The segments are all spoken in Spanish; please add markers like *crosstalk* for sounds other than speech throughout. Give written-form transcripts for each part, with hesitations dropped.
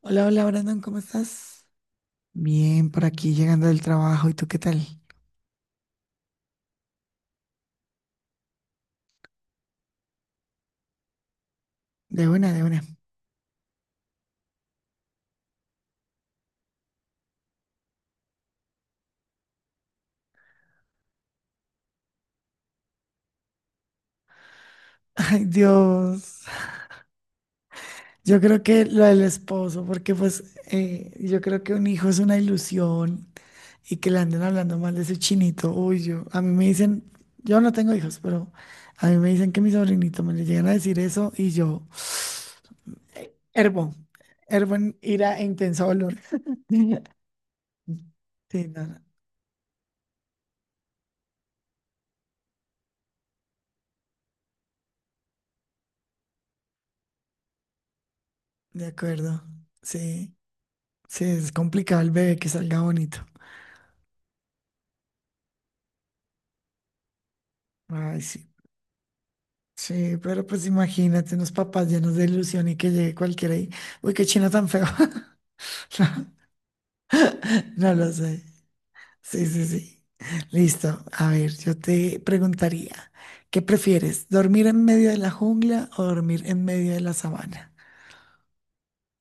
Hola, hola Brandon, ¿cómo estás? Bien, por aquí llegando del trabajo. ¿Y tú qué tal? De una, de una. *laughs* Ay, Dios. Yo creo que lo del esposo, porque pues yo creo que un hijo es una ilusión y que le anden hablando mal de su chinito. Uy, yo, a mí me dicen, yo no tengo hijos, pero a mí me dicen que mi sobrinito me le llegan a decir eso y yo, *sniffs* *sighs* hervo, hervo en ira e intenso dolor. *laughs* Sí, no, no, de acuerdo. Sí. Sí, es complicado el bebé que salga bonito. Ay, sí. Sí, pero pues imagínate unos papás llenos de ilusión y que llegue cualquiera ahí. Uy, qué chino tan feo. *laughs* No, *laughs* no lo sé. Sí, sí, sí. Listo. A ver, yo te preguntaría, ¿qué prefieres? ¿Dormir en medio de la jungla o dormir en medio de la sabana?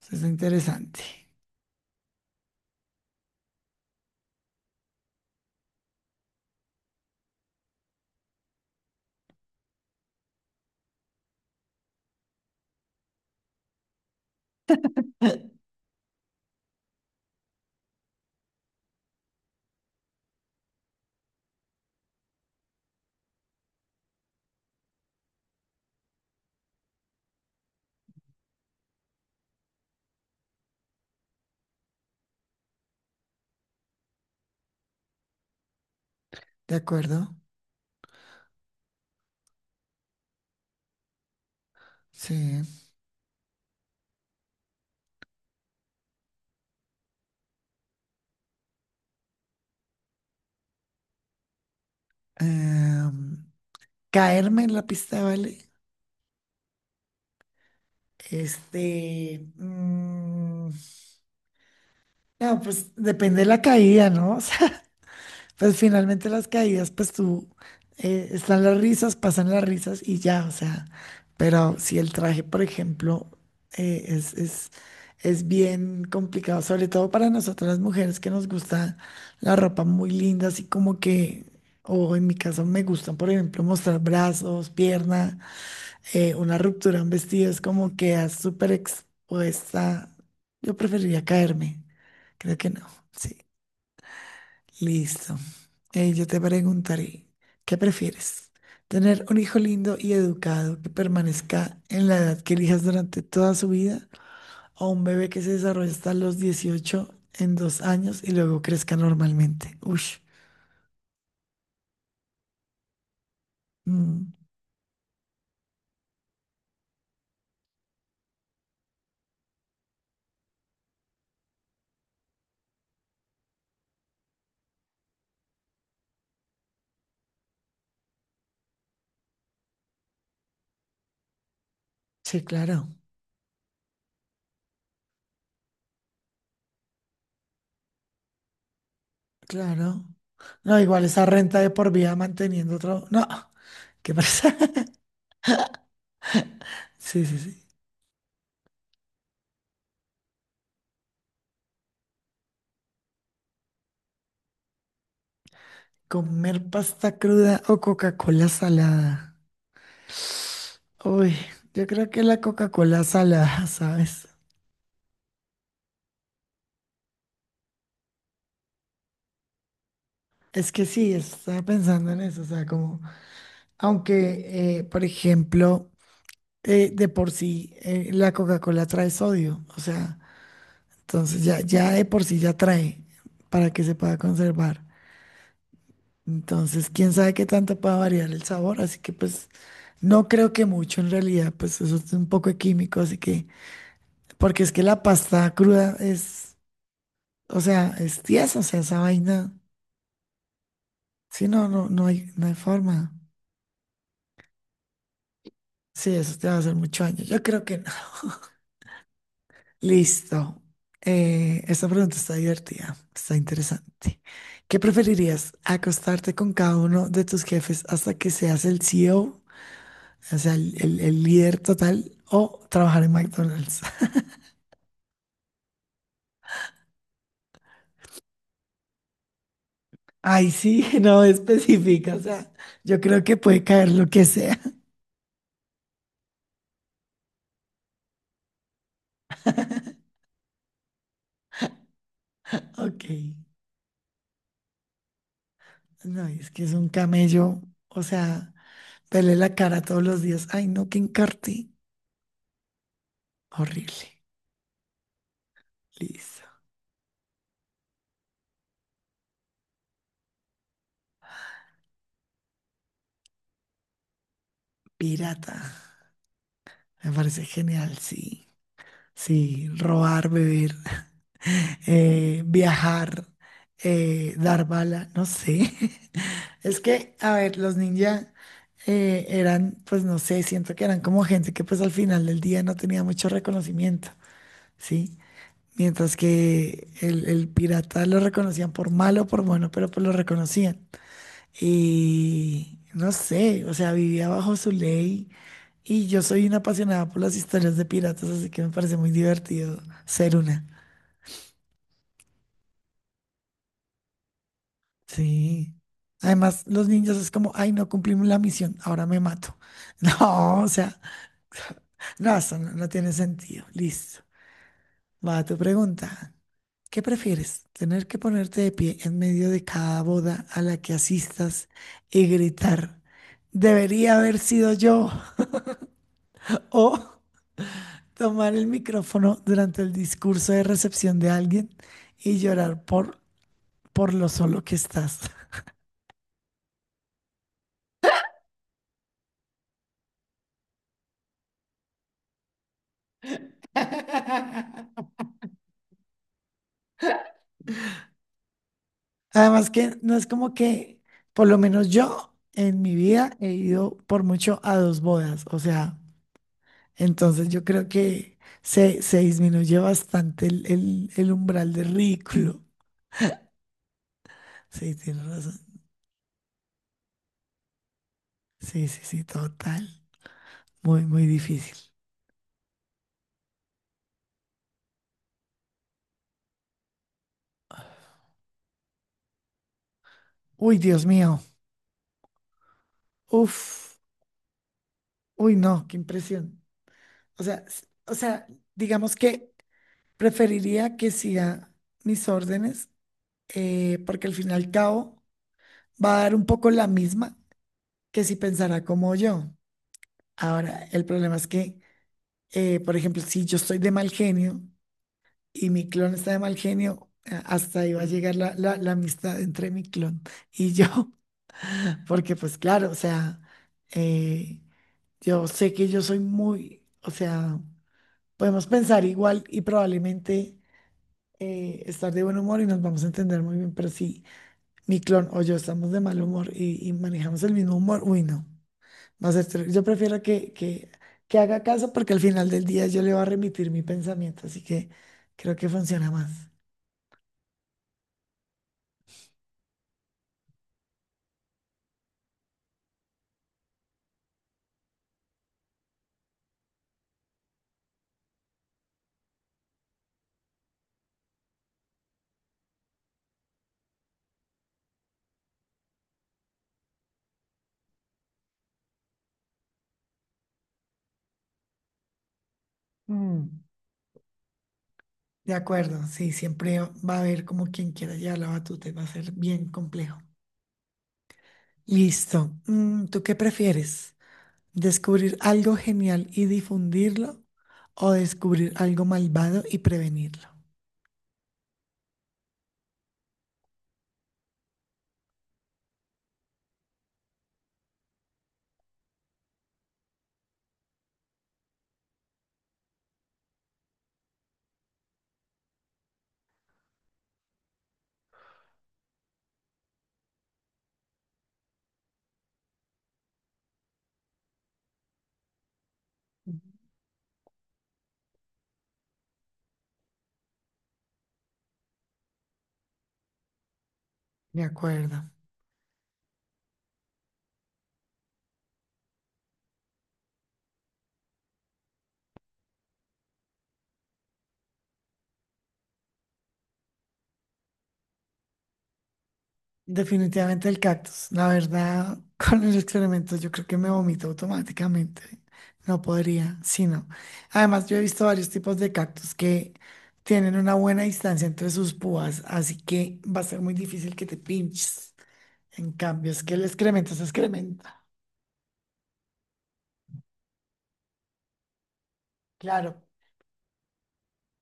Eso es interesante. *laughs* ¿De acuerdo? Sí. Em, ¿Caerme en la pista de baile? Este, no, pues depende de la caída, ¿no? *laughs* O sea, pues finalmente las caídas, están las risas, pasan las risas y ya, o sea, pero si el traje, por ejemplo, eh, es, es, es bien complicado, sobre todo para nosotras las mujeres que nos gusta la ropa muy linda, así como que, o en mi caso me gustan, por ejemplo, mostrar brazos, pierna una ruptura, un vestido, es como quedas súper expuesta. Yo preferiría caerme. Creo que no. Sí, listo. Yo te preguntaré, ¿qué prefieres? ¿Tener un hijo lindo y educado que permanezca en la edad que elijas durante toda su vida o un bebé que se desarrolle hasta los 18 en 2 años y luego crezca normalmente? Uy, sí, claro, claro. No, igual esa renta de por vida manteniendo otro... No, ¿qué pasa? Sí, sí, sí. Comer pasta cruda o Coca-Cola salada. Uy, yo creo que la Coca-Cola salada, *laughs* ¿sabes? Es que sí, estaba pensando en eso, o sea, como, aunque, por ejemplo, de por sí la Coca-Cola trae sodio, o sea, entonces ya, ya de por sí ya trae para que se pueda conservar. Entonces, quién sabe qué tanto pueda variar el sabor, así que pues no creo que mucho en realidad, pues eso es un poco de químico, así que... Porque es que la pasta cruda es, o sea, es tiesa, o sea, esa vaina. Sí, no, no, no hay, no hay forma. Sí, eso te va a hacer mucho daño. Yo creo que no. Listo. Esta pregunta está divertida, está interesante. ¿Qué preferirías? ¿Acostarte con cada uno de tus jefes hasta que seas el CEO, o sea, el líder total, o trabajar en McDonald's? *laughs* Ay, sí, no específica, o sea, yo creo que puede caer lo que sea. *laughs* Ok. No, es que es un camello, o sea, verle la cara todos los días. Ay, no, que encarte. Horrible. Listo. Pirata. Me parece genial, sí. Sí, robar, beber, *laughs* viajar, dar bala, no sé. *laughs* Es que, a ver, los ninja eran, pues no sé, siento que eran como gente que pues al final del día no tenía mucho reconocimiento, ¿sí? Mientras que el pirata lo reconocían por malo o por bueno, pero pues lo reconocían. Y no sé, o sea, vivía bajo su ley. Y yo soy una apasionada por las historias de piratas, así que me parece muy divertido ser una. Sí. Además, los niños es como, ay, no cumplimos la misión, ahora me mato. *laughs* No, o sea, no, eso no, no tiene sentido. Listo. Va tu pregunta. ¿Qué prefieres? ¿Tener que ponerte de pie en medio de cada boda a la que asistas y gritar, debería haber sido yo? *laughs* ¿O tomar el micrófono durante el discurso de recepción de alguien y llorar por lo solo que estás? *laughs* Además que no es como que, por lo menos yo en mi vida he ido por mucho a 2 bodas. O sea, entonces yo creo que se disminuye bastante el umbral de ridículo. Sí, tienes razón. Sí, sí, sí, total. Muy, muy difícil. Uy, Dios mío. Uf. Uy, no, qué impresión. O sea, o sea, digamos que preferiría que siga mis órdenes, porque al fin y al cabo va a dar un poco la misma que si pensara como yo. Ahora, el problema es que, por ejemplo, si yo estoy de mal genio, y mi clon está de mal genio, hasta ahí va a llegar la amistad entre mi clon y yo, *laughs* porque pues claro, o sea, eh, yo sé que yo soy muy, o sea, podemos pensar igual y probablemente estar de buen humor y nos vamos a entender muy bien, pero si mi clon o yo estamos de mal humor y manejamos el mismo humor, uy, no, va a ser, ter- yo prefiero que haga caso porque al final del día yo le voy a remitir mi pensamiento, así que creo que funciona más. Mm. De acuerdo, sí, siempre va a haber como quien quiera llevar la batuta y va a ser bien complejo. Listo. Mm, ¿tú qué prefieres? ¿Descubrir algo genial y difundirlo o descubrir algo malvado y prevenirlo? De acuerdo. Definitivamente el cactus. La verdad, *laughs* con el excremento yo creo que me vomito automáticamente. No podría, sí, no. Además, yo he visto varios tipos de cactus que tienen una buena distancia entre sus púas, así que va a ser muy difícil que te pinches. En cambio, es que el excremento se excrementa. Claro.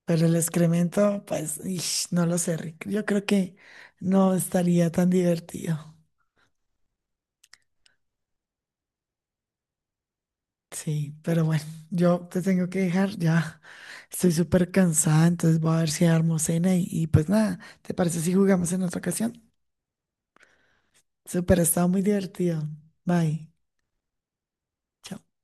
Pero el excremento, pues, ish, no lo sé, Rick. Yo creo que no estaría tan divertido. Sí, pero bueno, *laughs* yo te tengo que dejar, ya estoy súper cansada, entonces voy a ver si armo cena y pues nada, ¿te parece si jugamos en otra ocasión? Súper, ha estado muy divertido. Bye. Chao.